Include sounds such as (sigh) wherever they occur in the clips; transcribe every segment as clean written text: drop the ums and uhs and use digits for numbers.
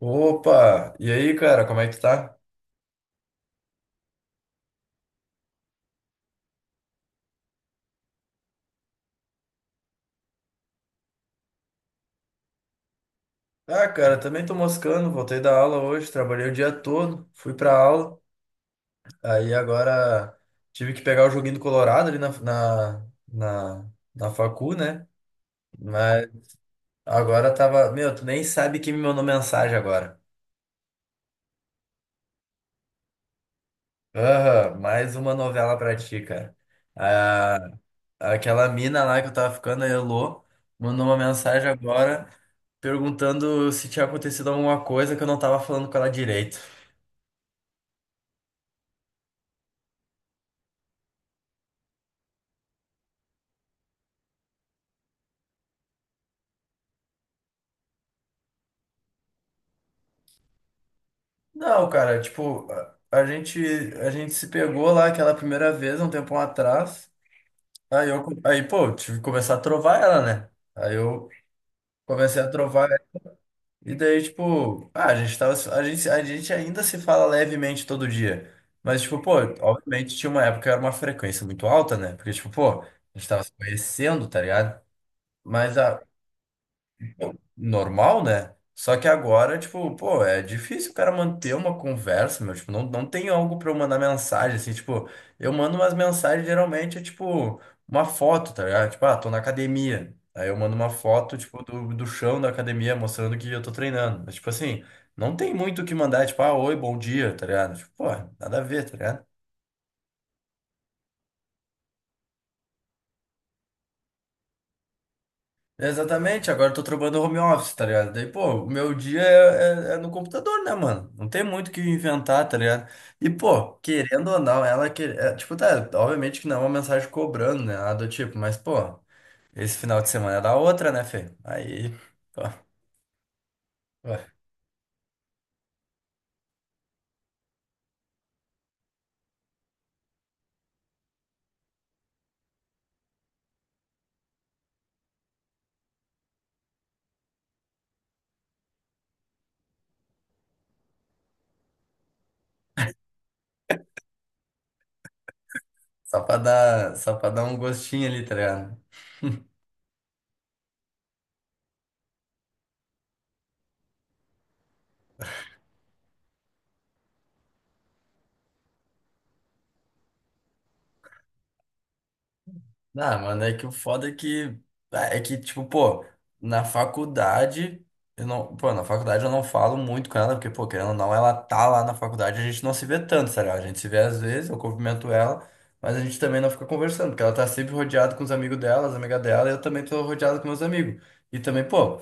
Opa! E aí, cara, como é que tu tá? Ah, cara, também tô moscando, voltei da aula hoje, trabalhei o dia todo, fui pra aula, aí agora tive que pegar o joguinho do Colorado ali na facu, né? Mas agora tava. Meu, tu nem sabe quem me mandou mensagem agora. Aham, mais uma novela pra ti, cara. Ah, aquela mina lá que eu tava ficando, a Elô, mandou uma mensagem agora perguntando se tinha acontecido alguma coisa que eu não tava falando com ela direito. Não, cara, tipo, a gente, a gente se pegou lá aquela primeira vez, um tempão atrás. Aí, pô, tive que começar a trovar ela, né? Aí eu comecei a trovar ela. E daí, tipo, ah, a gente tava, a gente ainda se fala levemente todo dia. Mas, tipo, pô, obviamente tinha uma época que era uma frequência muito alta, né? Porque, tipo, pô, a gente tava se conhecendo, tá ligado? Mas a, normal, né? Só que agora, tipo, pô, é difícil o cara manter uma conversa, meu. Tipo, não tem algo pra eu mandar mensagem, assim. Tipo, eu mando umas mensagens, geralmente é tipo uma foto, tá ligado? Tipo, ah, tô na academia. Aí eu mando uma foto, tipo, do chão da academia, mostrando que eu tô treinando. Mas, tipo assim, não tem muito o que mandar, tipo, ah, oi, bom dia, tá ligado? Tipo, pô, nada a ver, tá ligado? Exatamente, agora eu tô trabalhando home office, tá ligado? Daí, pô, o meu dia é, é no computador, né, mano? Não tem muito o que inventar, tá ligado? E, pô, querendo ou não, ela que, é, tipo, tá, obviamente que não é uma mensagem cobrando, né? Nada do tipo, mas, pô, esse final de semana era outra, né, Fê? Aí, pô, ué, só pra dar um gostinho ali, tá ligado? Ah, mano, é que o foda é que. É que, tipo, pô, na faculdade. Eu não, pô, na faculdade eu não falo muito com ela, porque, pô, querendo ou não, ela tá lá na faculdade, a gente não se vê tanto, sabe? A gente se vê às vezes, eu cumprimento ela, mas a gente também não fica conversando, porque ela tá sempre rodeada com os amigos dela, as amigas dela, e eu também tô rodeado com meus amigos. E também, pô,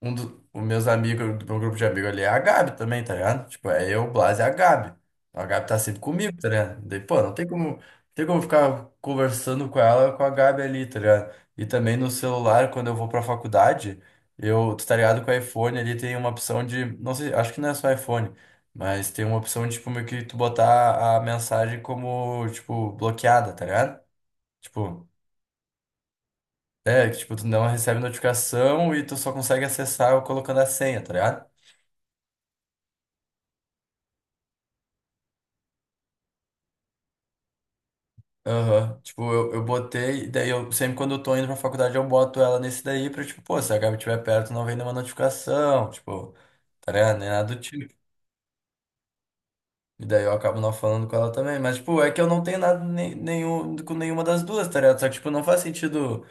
um dos meus amigos, do meu grupo de amigos ali é a Gabi também, tá ligado? Tipo, é eu, o Blas e a Gabi. A Gabi tá sempre comigo, tá ligado? Daí, pô, não tem como. Tem como ficar conversando com ela, com a Gabi ali, tá ligado? E também no celular, quando eu vou pra faculdade, eu, tu tá ligado, com o iPhone ali tem uma opção de, não sei, acho que não é só iPhone, mas tem uma opção de, tipo, meio que tu botar a mensagem como, tipo, bloqueada, tá ligado? Tipo, é, que, tipo, tu não recebe notificação e tu só consegue acessar colocando a senha, tá ligado? Aham. Tipo, eu botei, daí eu sempre quando eu tô indo pra faculdade eu boto ela nesse daí pra, tipo, pô, se a Gabi estiver perto não vem nenhuma notificação, tipo, tá ligado? Nem nada do tipo. E daí eu acabo não falando com ela também. Mas, tipo, é que eu não tenho nada nem, nenhum, com nenhuma das duas, tá ligado? Só que, tipo, não faz sentido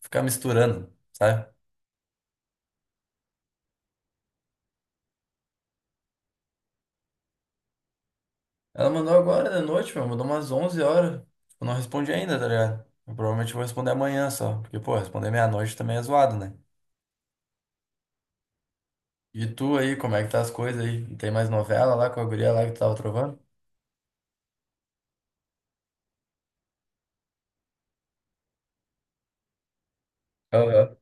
ficar misturando, sabe? Ela mandou agora de noite, meu, mandou umas 11 horas. Eu não respondi ainda, tá ligado? Eu provavelmente vou responder amanhã só. Porque, pô, responder meia-noite também é zoado, né? E tu aí, como é que tá as coisas aí? Tem mais novela lá com a guria lá que tu tava trovando? Aham.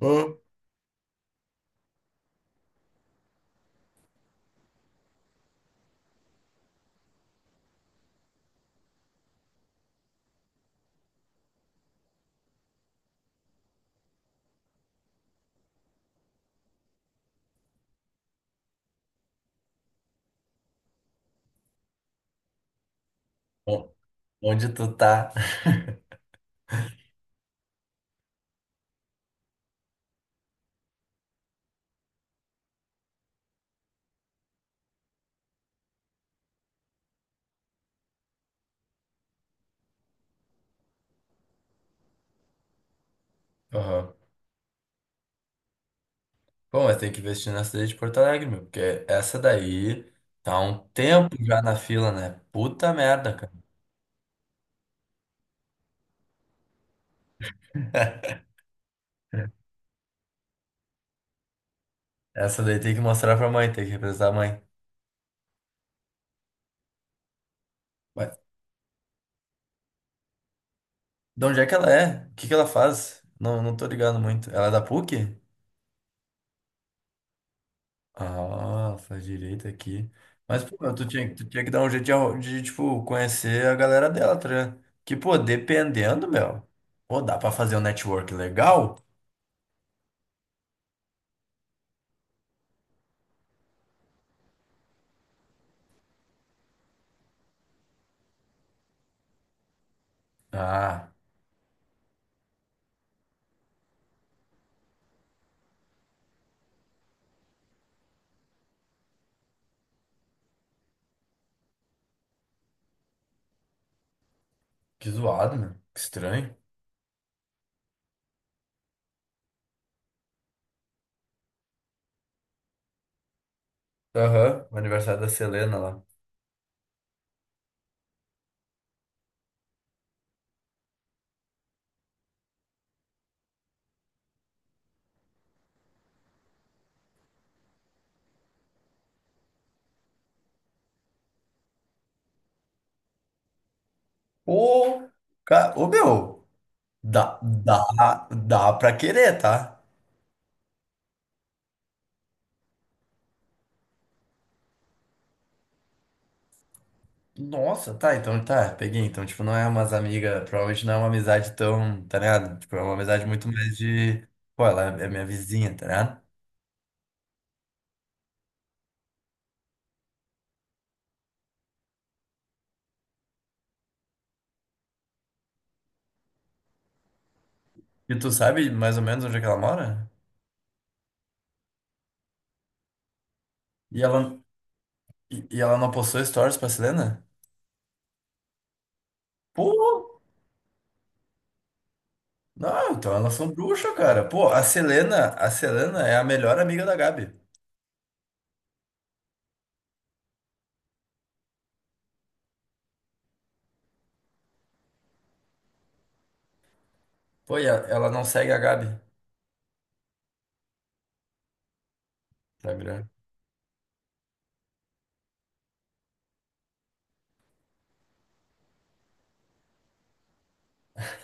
Hã? Bom, onde tu tá? (laughs) Aham. Bom, mas tem que investir na cidade de Porto Alegre, meu, porque essa daí tá há um tempo já na fila, né? Puta merda, cara. Essa daí tem que mostrar pra mãe, tem que representar a mãe. Mas de onde é que ela é? O que que ela faz? Não, não tô ligado muito. Ela é da PUC? Ah, faz direito aqui. Mas, pô, tu tinha que dar um jeito de, arru- de, tipo, conhecer a galera dela, tá ligado? Que, pô, dependendo, meu. Pô, dá pra fazer um network legal? Ah, que zoado, meu. Que estranho. Aham, o aniversário da Selena lá. Ô, ca- ô, meu. Dá pra querer, tá? Nossa, tá, então tá, peguei. Então, tipo, não é umas amigas, provavelmente não é uma amizade tão, tá ligado? Tipo, é uma amizade muito mais de. Pô, ela é minha vizinha, tá ligado? E tu sabe mais ou menos onde é que ela mora? E ela, e ela não postou stories pra Selena? Pô, não, então elas são bruxas, cara. Pô, a Selena é a melhor amiga da Gabi. Pô, e a- ela não segue a Gabi no Instagram.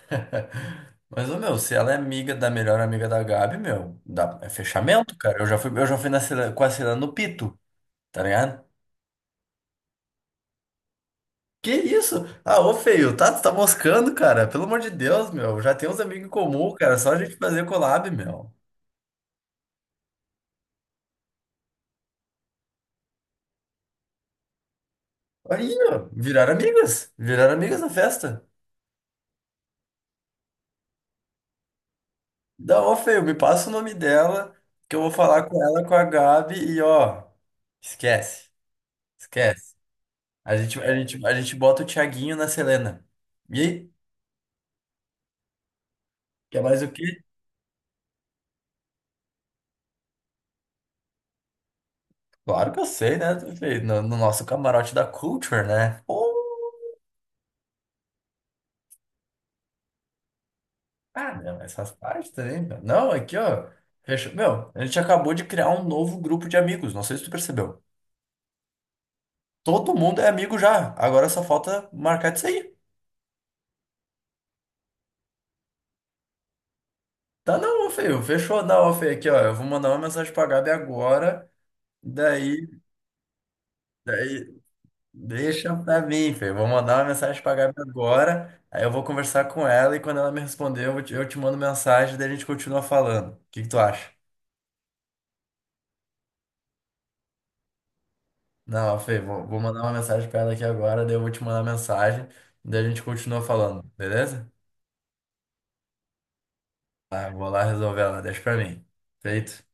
(laughs) Mas, ô, meu, se ela é amiga da melhor amiga da Gabi, meu, dá, é fechamento, cara. Eu já fui na Selena, com a Selena no Pito, tá ligado? Que isso? Ah, ô, feio, tá, tu tá moscando, cara. Pelo amor de Deus, meu. Já tem uns amigos em comum, cara. Só a gente fazer collab, meu. Aí, ó, viraram amigas. Viraram amigas na festa. Da ó, feio, me passa o nome dela, que eu vou falar com ela, com a Gabi, e ó, esquece, esquece. A gente bota o Thiaguinho na Selena. E aí? Quer mais o quê? Claro que eu sei, né, feio? No nosso camarote da Culture, né? Pô, ah, não, essas partes também, meu. Não, aqui, ó. Fechou. Meu, a gente acabou de criar um novo grupo de amigos. Não sei se tu percebeu. Todo mundo é amigo já. Agora só falta marcar de sair. Tá, não feio, fechou da off aqui, ó. Eu vou mandar uma mensagem pra Gabi agora. Daí, daí, deixa pra mim, feio. Vou mandar uma mensagem pra Gabi agora. Aí eu vou conversar com ela e quando ela me responder, eu te mando mensagem, daí a gente continua falando. O que que tu acha? Não, feio, vou mandar uma mensagem pra ela aqui agora, daí eu vou te mandar mensagem, daí a gente continua falando, beleza? Tá, eu vou lá resolver ela, deixa pra mim. Feito.